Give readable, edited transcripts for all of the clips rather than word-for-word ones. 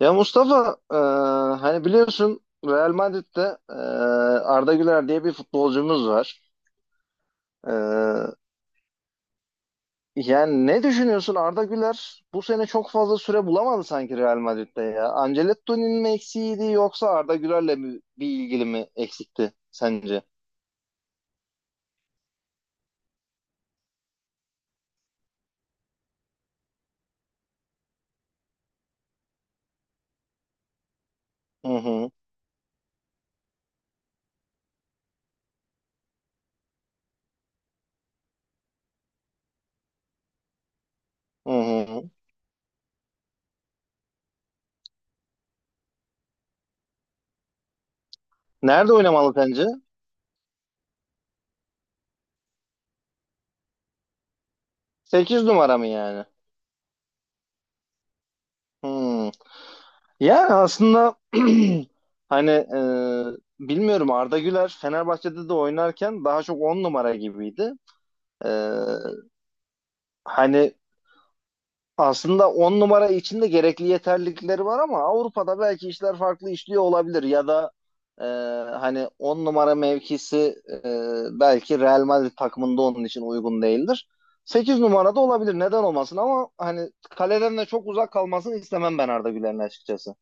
Ya Mustafa, hani biliyorsun Real Madrid'de, Arda Güler diye bir futbolcumuz var. E, yani ne düşünüyorsun? Arda Güler bu sene çok fazla süre bulamadı sanki Real Madrid'de ya. Ancelotti'nin mi eksiğiydi yoksa Arda Güler'le mi bir ilgili mi eksikti sence? Hı hı, hı hı. Nerede oynamalı sence? 8 numara mı yani? Hı. Yani aslında hani, bilmiyorum, Arda Güler Fenerbahçe'de de oynarken daha çok 10 numara gibiydi. E, hani aslında 10 numara için de gerekli yeterlilikleri var, ama Avrupa'da belki işler farklı işliyor olabilir ya da e, hani 10 numara mevkisi belki Real Madrid takımında onun için uygun değildir. 8 numarada olabilir, neden olmasın? Ama hani kaleden de çok uzak kalmasını istemem ben Arda Güler'in açıkçası.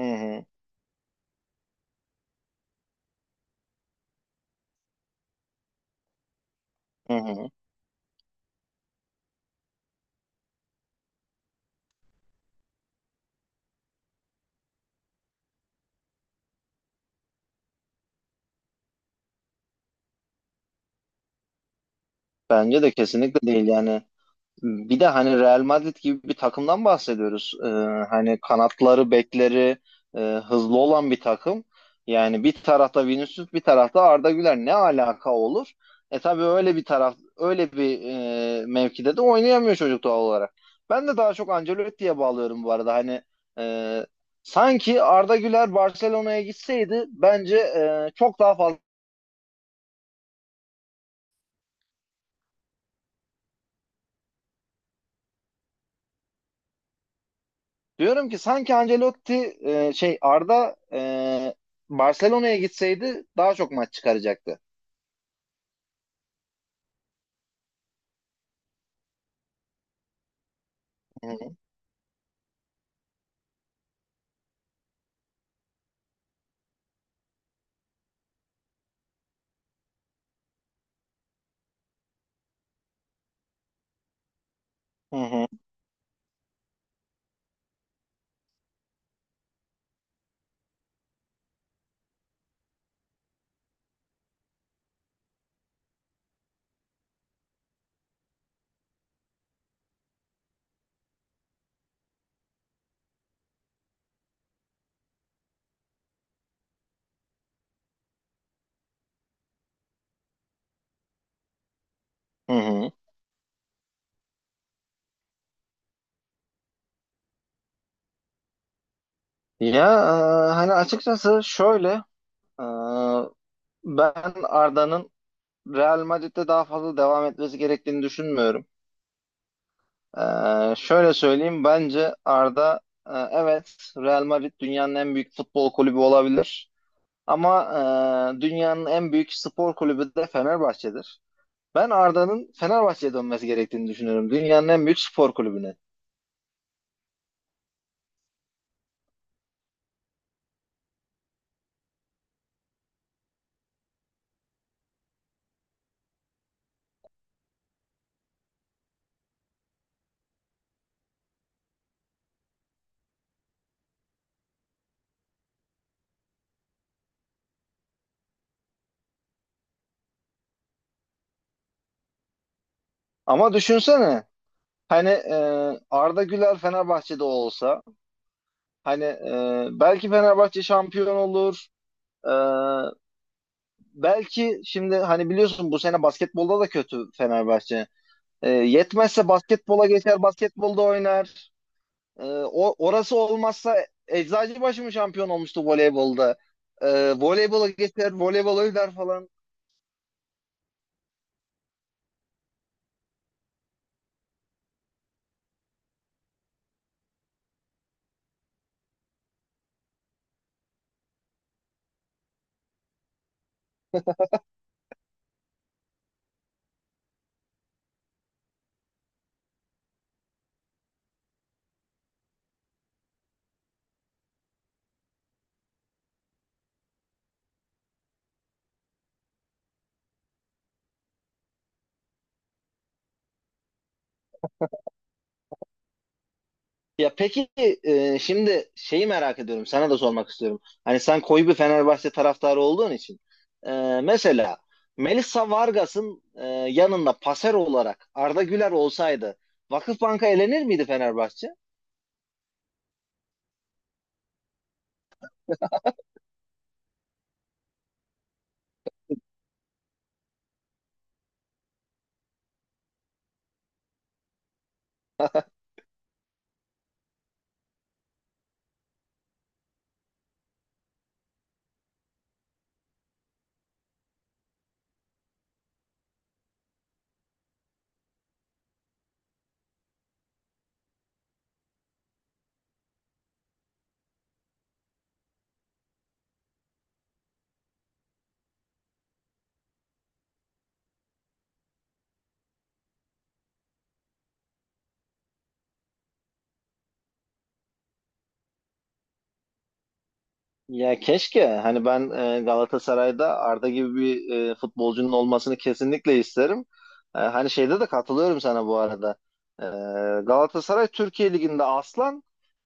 Hı hı. Hı hı. Bence de kesinlikle değil yani. Bir de hani Real Madrid gibi bir takımdan bahsediyoruz. Hani kanatları, bekleri hızlı olan bir takım. Yani bir tarafta Vinicius, bir tarafta Arda Güler. Ne alaka olur? Tabii öyle bir taraf, öyle bir mevkide de oynayamıyor çocuk doğal olarak. Ben de daha çok Ancelotti'ye bağlıyorum bu arada. Hani, e, sanki Arda Güler Barcelona'ya gitseydi bence çok daha fazla. Diyorum ki sanki Ancelotti, şey, Arda, Barcelona'ya gitseydi daha çok maç çıkaracaktı. Hı hı, hı hı. Hı. Ya, hani açıkçası şöyle, e, ben Arda'nın Real Madrid'de daha fazla devam etmesi gerektiğini düşünmüyorum. Şöyle söyleyeyim, bence Arda, evet, Real Madrid dünyanın en büyük futbol kulübü olabilir. Ama dünyanın en büyük spor kulübü de Fenerbahçe'dir. Ben Arda'nın Fenerbahçe'ye dönmesi gerektiğini düşünüyorum. Dünyanın en büyük spor kulübüne. Ama düşünsene hani, Arda Güler Fenerbahçe'de olsa, hani, belki Fenerbahçe şampiyon olur. E, belki şimdi, hani biliyorsun, bu sene basketbolda da kötü Fenerbahçe. Yetmezse basketbola geçer, basketbolda oynar. E, orası olmazsa Eczacıbaşı mı şampiyon olmuştu voleybolda? Voleybola geçer, voleybol oynar falan. Ya peki, şimdi şeyi merak ediyorum. Sana da sormak istiyorum. Hani sen koyu bir Fenerbahçe taraftarı olduğun için, e, mesela Melissa Vargas'ın yanında paser olarak Arda Güler olsaydı, Vakıfbank'a elenir miydi Fenerbahçe? Ya keşke, hani, ben Galatasaray'da Arda gibi bir futbolcunun olmasını kesinlikle isterim. Hani şeyde de katılıyorum sana bu arada. E, Galatasaray Türkiye Ligi'nde aslan,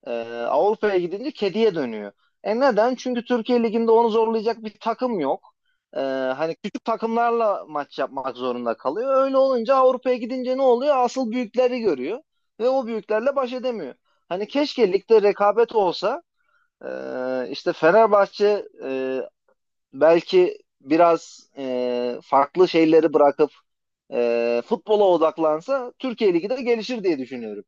e, Avrupa'ya gidince kediye dönüyor. Neden? Çünkü Türkiye Ligi'nde onu zorlayacak bir takım yok. E, hani küçük takımlarla maç yapmak zorunda kalıyor. Öyle olunca Avrupa'ya gidince ne oluyor? Asıl büyükleri görüyor ve o büyüklerle baş edemiyor. Hani keşke ligde rekabet olsa. İşte Fenerbahçe belki biraz farklı şeyleri bırakıp futbola odaklansa Türkiye Ligi de gelişir diye düşünüyorum.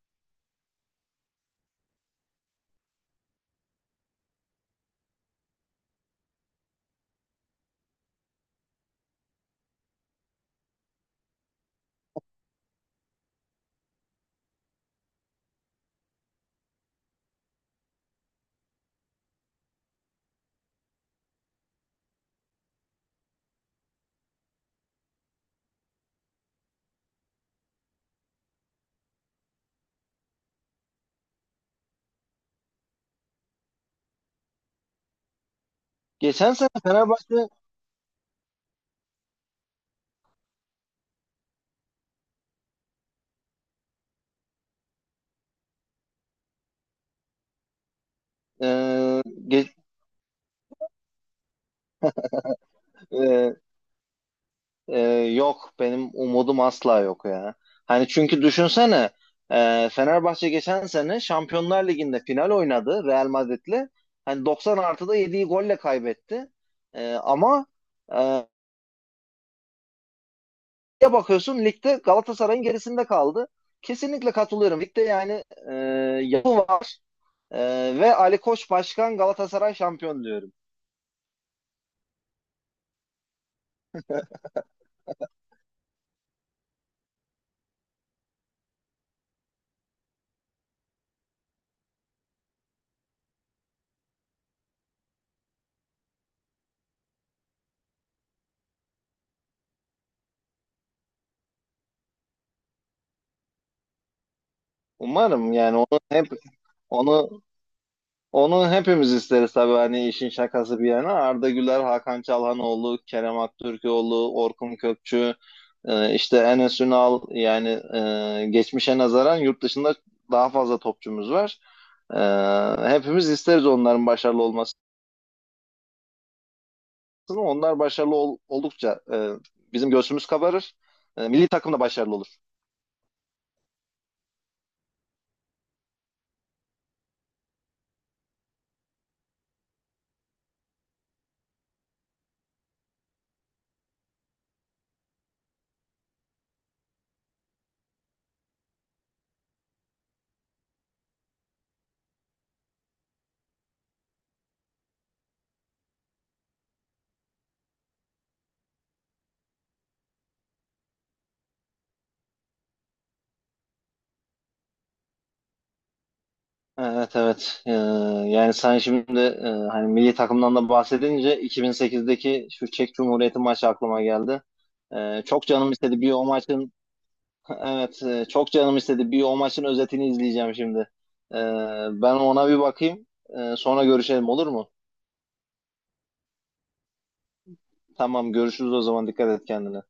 Geçen sene Fenerbahçe. E, ge- e, e, yok benim umudum asla yok ya. Hani çünkü düşünsene, Fenerbahçe geçen sene Şampiyonlar Ligi'nde final oynadı Real Madrid'le. Hani 90 artıda yediği golle kaybetti. Ama, e, ya bakıyorsun ligde Galatasaray'ın gerisinde kaldı. Kesinlikle katılıyorum. Ligde, yani, e, yapı var. E, ve Ali Koç başkan, Galatasaray şampiyon diyorum. Umarım yani, onu onu hepimiz isteriz, tabii, hani işin şakası bir yana. Arda Güler, Hakan Çalhanoğlu, Kerem Aktürkoğlu, Orkun Kökçü, işte Enes Ünal, yani geçmişe nazaran yurt dışında daha fazla topçumuz var. Hepimiz isteriz onların başarılı olmasını. Ama onlar başarılı oldukça bizim göğsümüz kabarır. Milli takım da başarılı olur. Evet, evet. Yani sen şimdi, hani milli takımdan da bahsedince, 2008'deki şu Çek Cumhuriyeti maçı aklıma geldi. Çok canım istedi bir o maçın evet, çok canım istedi bir o maçın özetini izleyeceğim şimdi. E, ben ona bir bakayım. Sonra görüşelim, olur mu? Tamam, görüşürüz o zaman. Dikkat et kendine.